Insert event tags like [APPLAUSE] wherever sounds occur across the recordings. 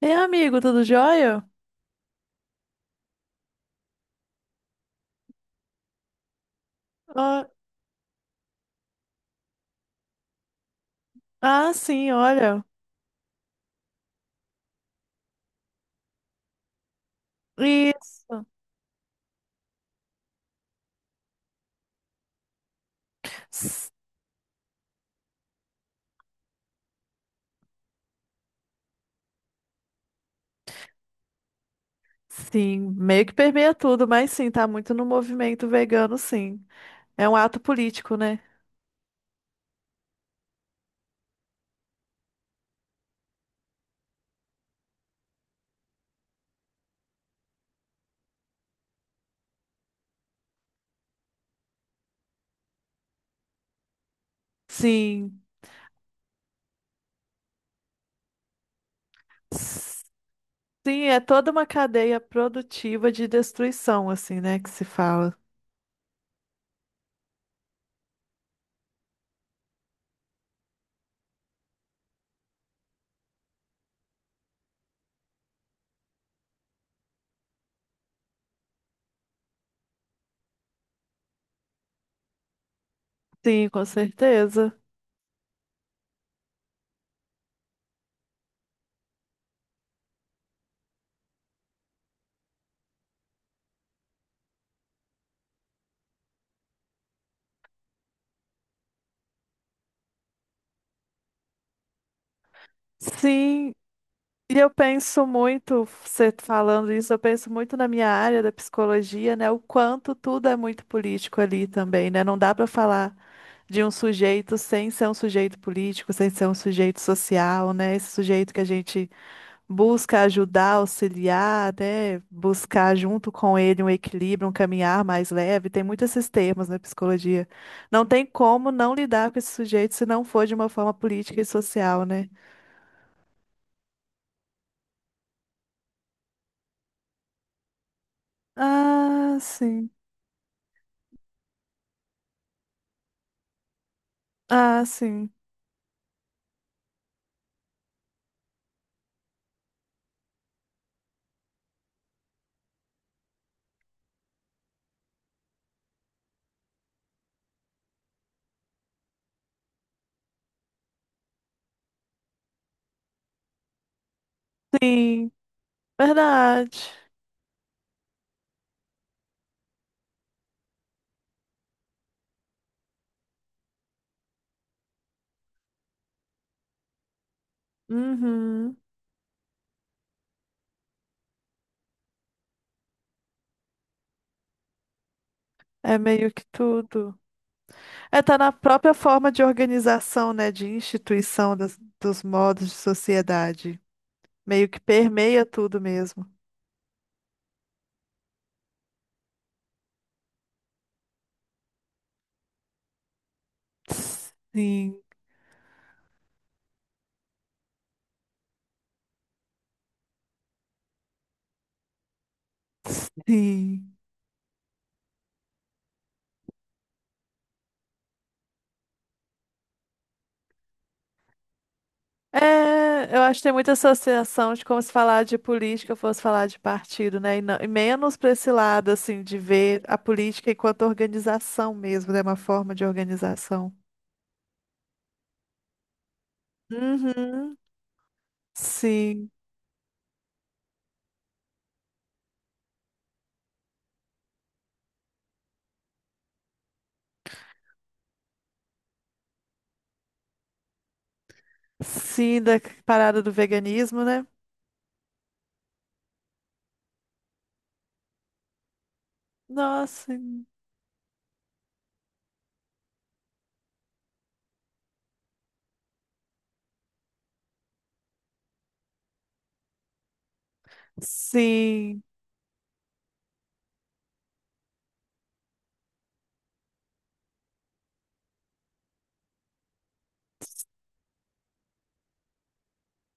Ei, amigo, tudo jóia? Ó, ah, sim, olha. Isso. S- Sim, meio que permeia tudo, mas sim, tá muito no movimento vegano, sim. É um ato político, né? Sim. S- Sim, é toda uma cadeia produtiva de destruição, assim, né, que se fala. Sim, com certeza. Sim, e eu penso muito, você falando isso, eu penso muito na minha área da psicologia, né? O quanto tudo é muito político ali também, né? Não dá pra falar de um sujeito sem ser um sujeito político, sem ser um sujeito social, né? Esse sujeito que a gente busca ajudar, auxiliar, né? Buscar junto com ele um equilíbrio, um caminhar mais leve. Tem muitos esses termos na psicologia. Não tem como não lidar com esse sujeito se não for de uma forma política e social, né? Ah, sim. Ah, sim. Sim. Verdade. Uhum. É meio que tudo. É, tá na própria forma de organização, né, de instituição dos modos de sociedade. Meio que permeia tudo mesmo. Sim, sim. É, eu acho que tem muita associação de como se falar de política fosse falar de partido, né? E, e menos para esse lado, assim, de ver a política enquanto organização mesmo, né? Uma forma de organização. Uhum. Sim, sim, da parada do veganismo, né? Nossa, sim. Sim.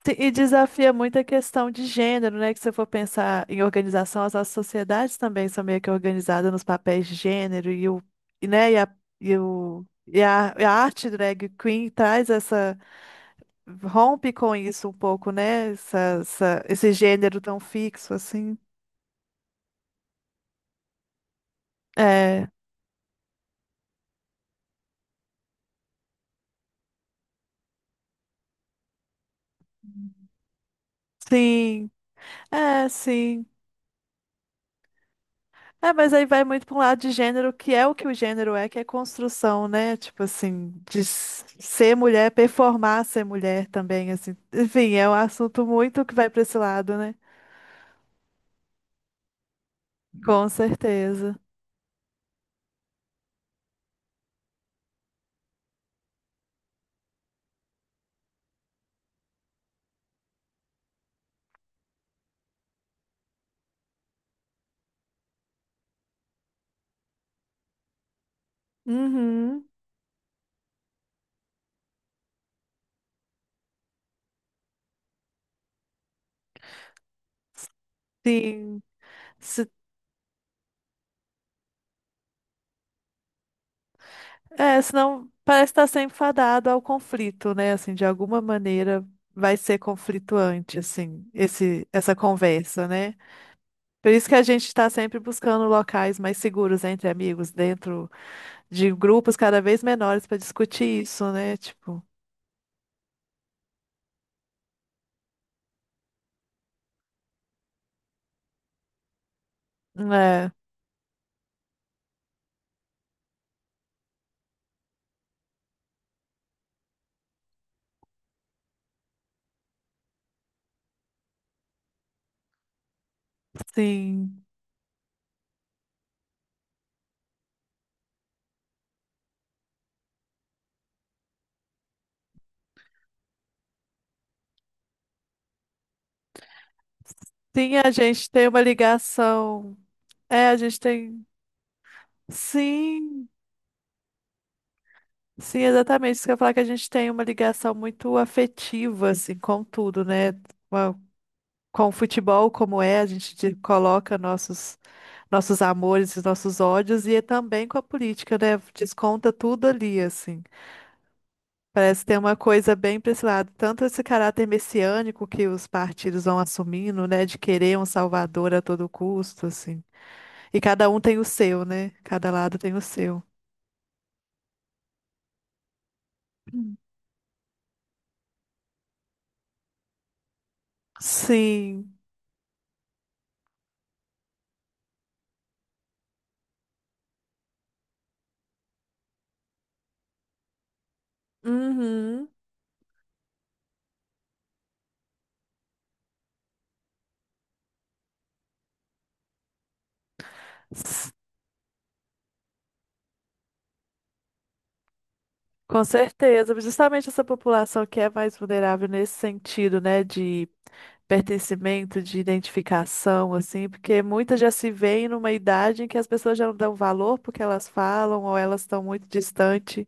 Sim, e desafia muito a questão de gênero, né? Que se você for pensar em organização, as nossas sociedades também são meio que organizadas nos papéis de gênero né? E a, e o, e a arte drag queen traz essa, rompe com isso um pouco, né? Esse gênero tão fixo, assim. É, sim, é, sim. É, mas aí vai muito para um lado de gênero, que é o que o gênero é, que é construção, né? Tipo assim, de ser mulher, performar ser mulher também, assim. Enfim, é um assunto muito que vai para esse lado, né? Com certeza. Uhum, sim. Se, é, senão parece estar sempre fadado ao conflito, né? Assim, de alguma maneira vai ser conflituante, assim, essa conversa, né? Por isso que a gente está sempre buscando locais mais seguros entre amigos, dentro de grupos cada vez menores para discutir isso, né? Tipo, é, sim. Sim, a gente tem uma ligação. É, a gente tem. Sim, sim, exatamente. Isso que eu ia falar que a gente tem uma ligação muito afetiva, assim, com tudo, né? Uma- Com o futebol, como é, a gente coloca nossos, amores, os nossos ódios, e é também com a política, né? Desconta tudo ali, assim. Parece ter uma coisa bem para esse lado, tanto esse caráter messiânico que os partidos vão assumindo, né, de querer um salvador a todo custo, assim. E cada um tem o seu, né? Cada lado tem o seu. Hum. Sim. Uhum. S- Com certeza. Justamente essa população que é mais vulnerável nesse sentido, né, de pertencimento, de identificação, assim, porque muitas já se veem numa idade em que as pessoas já não dão valor porque elas falam ou elas estão muito distantes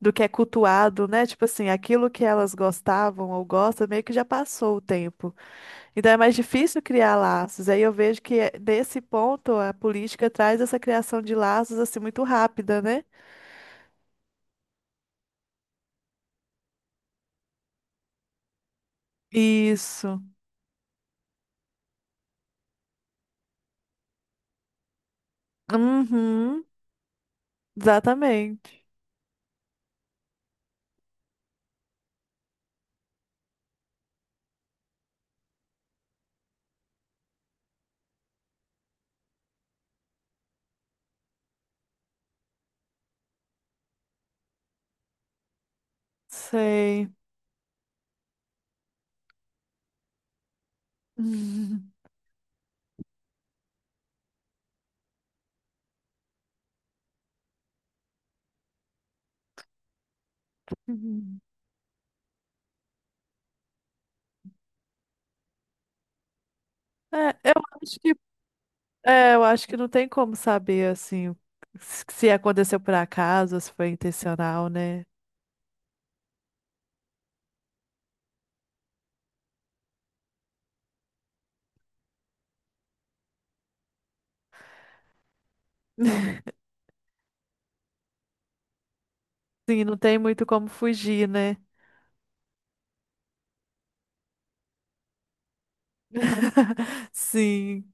do que é cultuado, né? Tipo assim, aquilo que elas gostavam ou gostam, meio que já passou o tempo. Então é mais difícil criar laços. Aí eu vejo que nesse ponto a política traz essa criação de laços assim muito rápida, né? Isso. Uhum, exatamente. Sei. [LAUGHS] É, eu acho que, é, eu acho que não tem como saber assim se aconteceu por acaso, se foi intencional, né? [LAUGHS] Sim, não tem muito como fugir, né? [LAUGHS] Sim.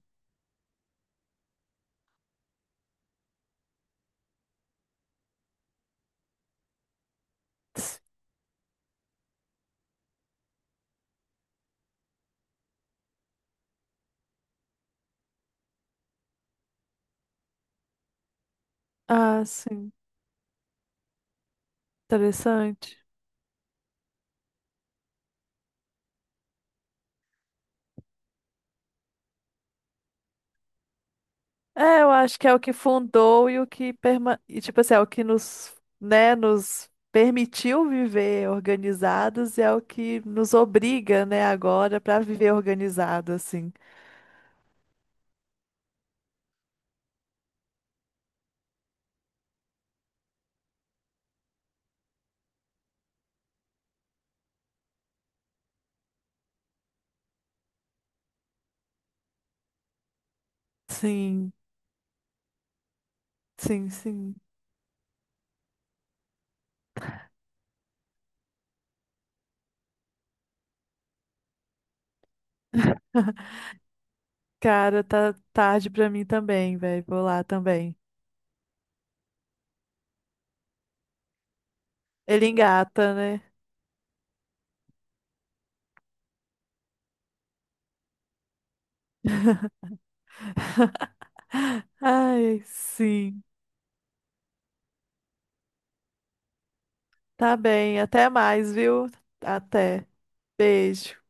Ah, sim. Interessante. É, eu acho que é o que fundou e, tipo assim, é o que nos, né, nos permitiu viver organizados e é o que nos obriga, né, agora para viver organizado, assim. Sim, sim, sim. [LAUGHS] Cara, tá tarde pra mim também, velho. Vou lá também. Ele engata, né? [LAUGHS] Ai, sim. Tá bem, até mais, viu? Até. Beijo.